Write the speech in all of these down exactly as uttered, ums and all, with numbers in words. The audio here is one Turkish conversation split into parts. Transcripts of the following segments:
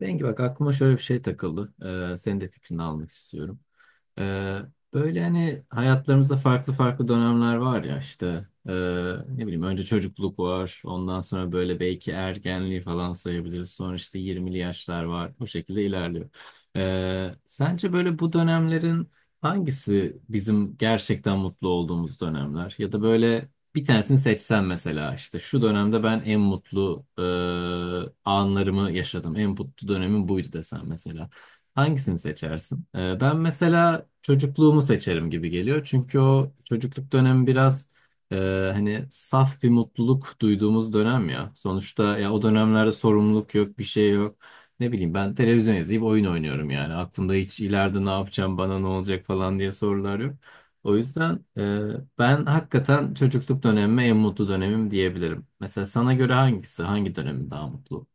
Bengi bak aklıma şöyle bir şey takıldı. Ee, senin de fikrini almak istiyorum. Ee, Böyle hani hayatlarımızda farklı farklı dönemler var ya işte ee, ne bileyim önce çocukluk var ondan sonra böyle belki ergenliği falan sayabiliriz sonra işte yirmili yaşlar var bu şekilde ilerliyor. Ee, sence böyle bu dönemlerin hangisi bizim gerçekten mutlu olduğumuz dönemler ya da böyle bir tanesini seçsen mesela işte şu dönemde ben en mutlu ee, anlarımı yaşadım en mutlu dönemim buydu desen mesela. Hangisini seçersin? Ee, ben mesela çocukluğumu seçerim gibi geliyor. Çünkü o çocukluk dönemi biraz e, hani saf bir mutluluk duyduğumuz dönem ya. Sonuçta ya o dönemlerde sorumluluk yok, bir şey yok. Ne bileyim ben televizyon izleyip oyun oynuyorum yani. Aklımda hiç ileride ne yapacağım, bana ne olacak falan diye sorular yok. O yüzden e, ben hakikaten çocukluk dönemime en mutlu dönemim diyebilirim. Mesela sana göre hangisi, hangi dönemin daha mutlu?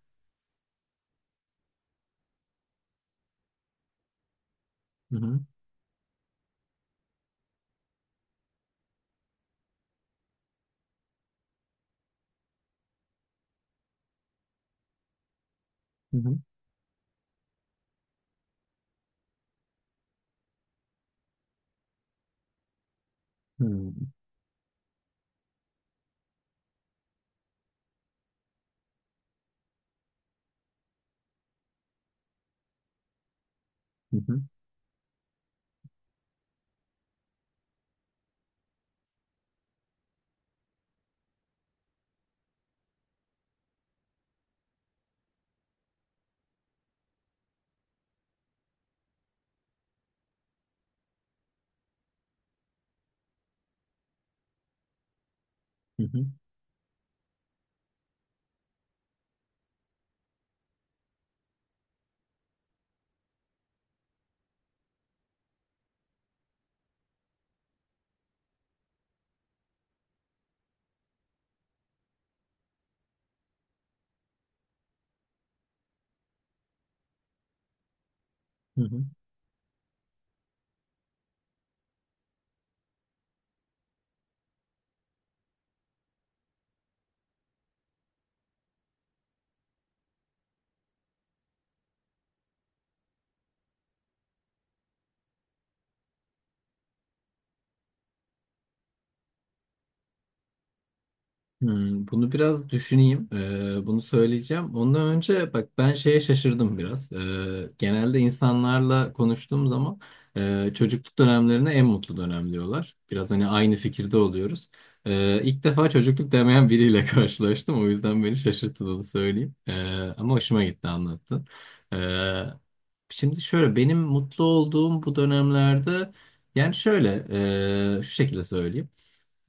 Hı hı, hı hı, hı hı, hı hı, hı hı. Hı hı. Hmm, bunu biraz düşüneyim. Ee, bunu söyleyeceğim. Ondan önce bak ben şeye şaşırdım biraz. Ee, genelde insanlarla konuştuğum zaman e, çocukluk dönemlerine en mutlu dönem diyorlar. Biraz hani aynı fikirde oluyoruz. Ee, ilk defa çocukluk demeyen biriyle karşılaştım. O yüzden beni şaşırttı onu söyleyeyim. Ee, ama hoşuma gitti anlattın. Ee, Şimdi şöyle benim mutlu olduğum bu dönemlerde yani şöyle e, şu şekilde söyleyeyim.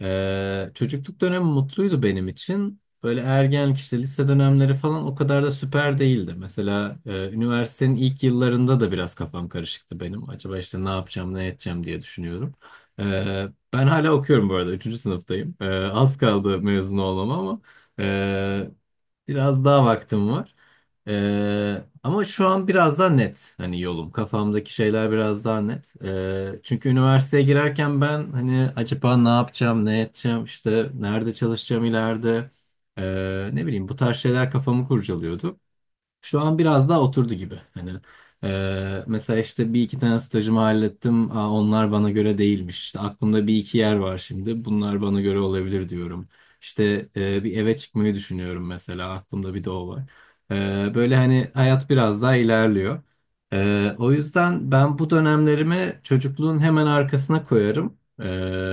Ee, çocukluk dönemi mutluydu benim için. Böyle ergenlik işte lise dönemleri falan o kadar da süper değildi. Mesela e, üniversitenin ilk yıllarında da biraz kafam karışıktı benim. Acaba işte ne yapacağım, ne edeceğim diye düşünüyorum. Ee, Ben hala okuyorum bu arada. Üçüncü sınıftayım. Ee, az kaldı mezun olmama ama e, biraz daha vaktim var. Ee, ama şu an biraz daha net, hani yolum, kafamdaki şeyler biraz daha net. Ee, çünkü üniversiteye girerken ben hani acaba ne yapacağım ne edeceğim işte nerede çalışacağım ileride, Ee, ne bileyim bu tarz şeyler kafamı kurcalıyordu. Şu an biraz daha oturdu gibi. Hani e, mesela işte bir iki tane stajımı hallettim. Aa, onlar bana göre değilmiş. İşte aklımda bir iki yer var şimdi. Bunlar bana göre olabilir diyorum. İşte e, bir eve çıkmayı düşünüyorum mesela. Aklımda bir de o var. E, böyle hani hayat biraz daha ilerliyor. E, o yüzden ben bu dönemlerimi çocukluğun hemen arkasına koyarım. E,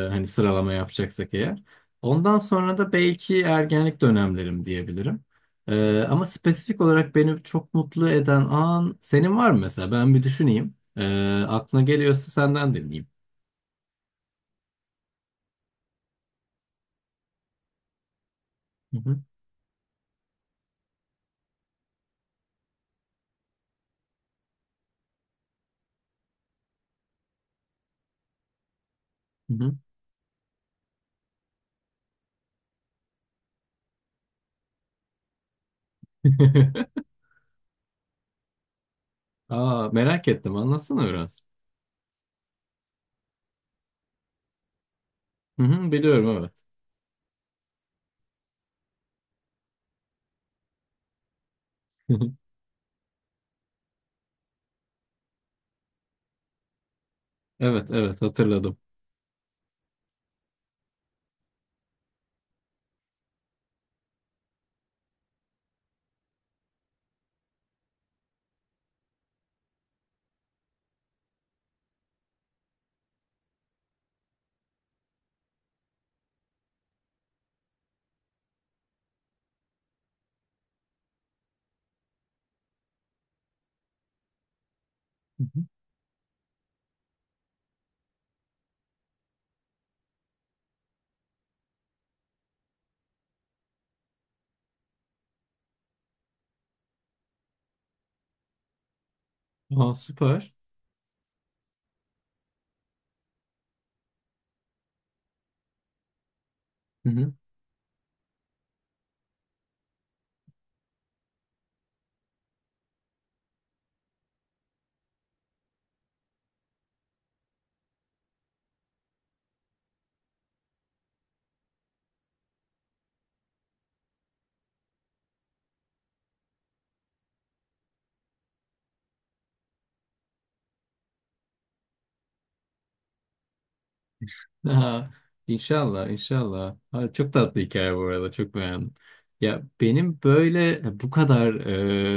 Hani sıralama yapacaksak eğer. Ondan sonra da belki ergenlik dönemlerim diyebilirim. Ee, ama spesifik olarak beni çok mutlu eden an senin var mı mesela? Ben bir düşüneyim. Ee, aklına geliyorsa senden dinleyeyim. Hı hı, hı hı. Aa, merak ettim. Anlatsana biraz. Hı hı, biliyorum evet. Evet evet, hatırladım. Hı hı. Aa, süper. Aha, inşallah, inşallah. Ha, çok tatlı hikaye bu arada, çok beğendim. Ya benim böyle e, bu kadar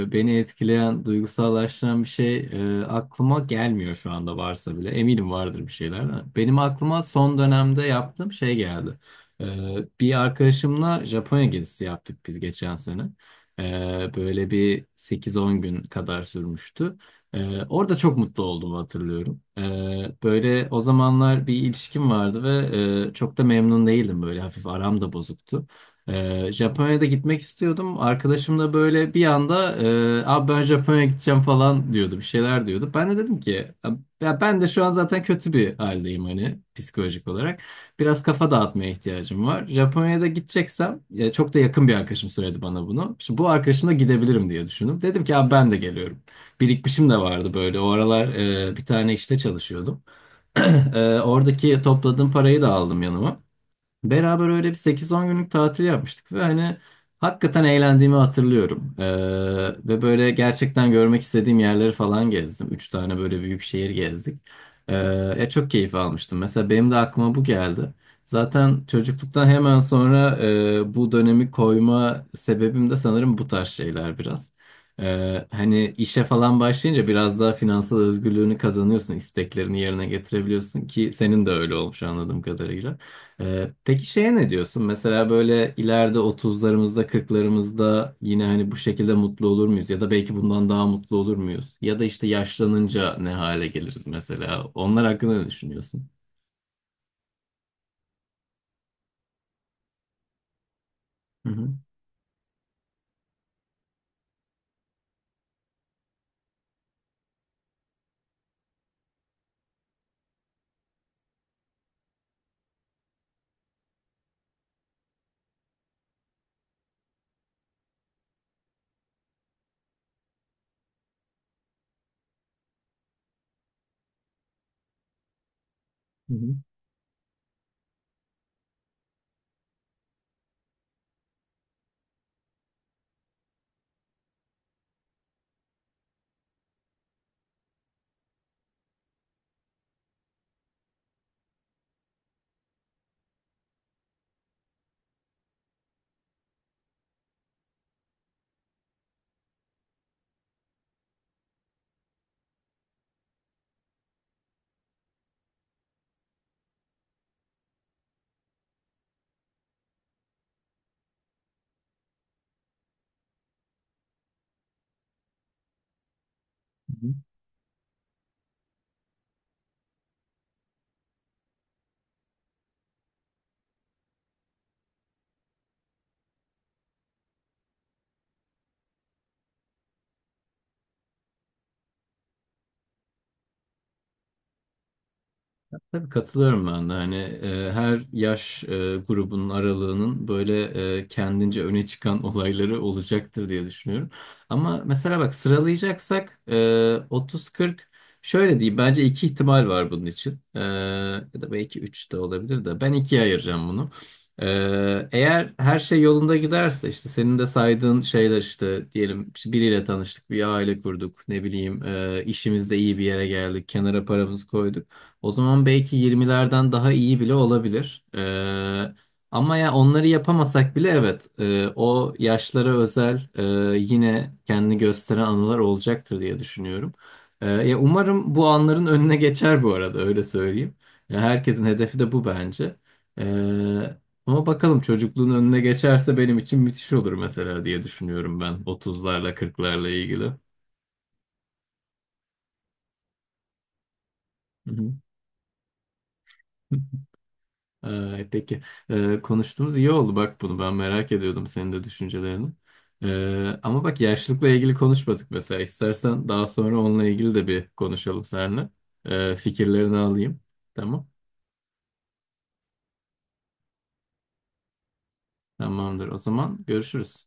e, beni etkileyen, duygusallaştıran bir şey e, aklıma gelmiyor şu anda varsa bile. Eminim vardır bir şeyler de. Benim aklıma son dönemde yaptığım şey geldi. E, Bir arkadaşımla Japonya gezisi yaptık biz geçen sene. E, böyle bir sekiz on gün kadar sürmüştü. Ee, orada çok mutlu olduğumu hatırlıyorum. Ee, böyle o zamanlar bir ilişkim vardı ve e, çok da memnun değildim, böyle hafif aram da bozuktu. Ee, Japonya'da gitmek istiyordum. Arkadaşım da böyle bir anda e, abi ben Japonya'ya gideceğim falan diyordu, bir şeyler diyordu. Ben de dedim ki ya ben de şu an zaten kötü bir haldeyim, hani psikolojik olarak. Biraz kafa dağıtmaya ihtiyacım var. Japonya'da gideceksem, ya çok da yakın bir arkadaşım söyledi bana bunu. Şimdi bu arkadaşımla gidebilirim diye düşündüm. Dedim ki abi ben de geliyorum, birikmişim de vardı böyle. O aralar e, bir tane işte çalışıyordum. E, oradaki topladığım parayı da aldım yanıma. Beraber öyle bir sekiz on günlük tatil yapmıştık ve hani hakikaten eğlendiğimi hatırlıyorum. Ee, ve böyle gerçekten görmek istediğim yerleri falan gezdim. Üç tane böyle büyük şehir gezdik. Ee, Ya çok keyif almıştım. Mesela benim de aklıma bu geldi. Zaten çocukluktan hemen sonra e, bu dönemi koyma sebebim de sanırım bu tarz şeyler biraz. Ee, hani işe falan başlayınca biraz daha finansal özgürlüğünü kazanıyorsun, isteklerini yerine getirebiliyorsun, ki senin de öyle olmuş anladığım kadarıyla. Ee, peki şeye ne diyorsun? Mesela böyle ileride otuzlarımızda, kırklarımızda yine hani bu şekilde mutlu olur muyuz? Ya da belki bundan daha mutlu olur muyuz? Ya da işte yaşlanınca ne hale geliriz mesela? Onlar hakkında ne düşünüyorsun? Hı hı. Hı hı. Tabii katılıyorum ben de, hani e, her yaş e, grubunun aralığının böyle e, kendince öne çıkan olayları olacaktır diye düşünüyorum. Ama mesela bak sıralayacaksak e, otuz kırk, şöyle diyeyim bence iki ihtimal var bunun için. E, ya da belki üç de olabilir de, ben ikiye ayıracağım bunu. E, eğer her şey yolunda giderse, işte senin de saydığın şeyler, işte diyelim işte biriyle tanıştık, bir aile kurduk, ne bileyim e, işimizde iyi bir yere geldik, kenara paramızı koyduk. O zaman belki yirmilerden daha iyi bile olabilir. Ee, ama ya onları yapamasak bile, evet e, o yaşlara özel e, yine kendini gösteren anılar olacaktır diye düşünüyorum. Ee, ya umarım bu anların önüne geçer, bu arada öyle söyleyeyim. Ya herkesin hedefi de bu bence. Ee, Ama bakalım çocukluğun önüne geçerse benim için müthiş olur mesela diye düşünüyorum ben otuzlarla kırklarla ilgili. Hı hı. Ee, peki Ee, konuştuğumuz iyi oldu bak, bunu ben merak ediyordum, senin de düşüncelerini. Ee, ama bak yaşlılıkla ilgili konuşmadık, mesela istersen daha sonra onunla ilgili de bir konuşalım seninle. Ee, fikirlerini alayım. Tamam. Tamamdır. O zaman görüşürüz.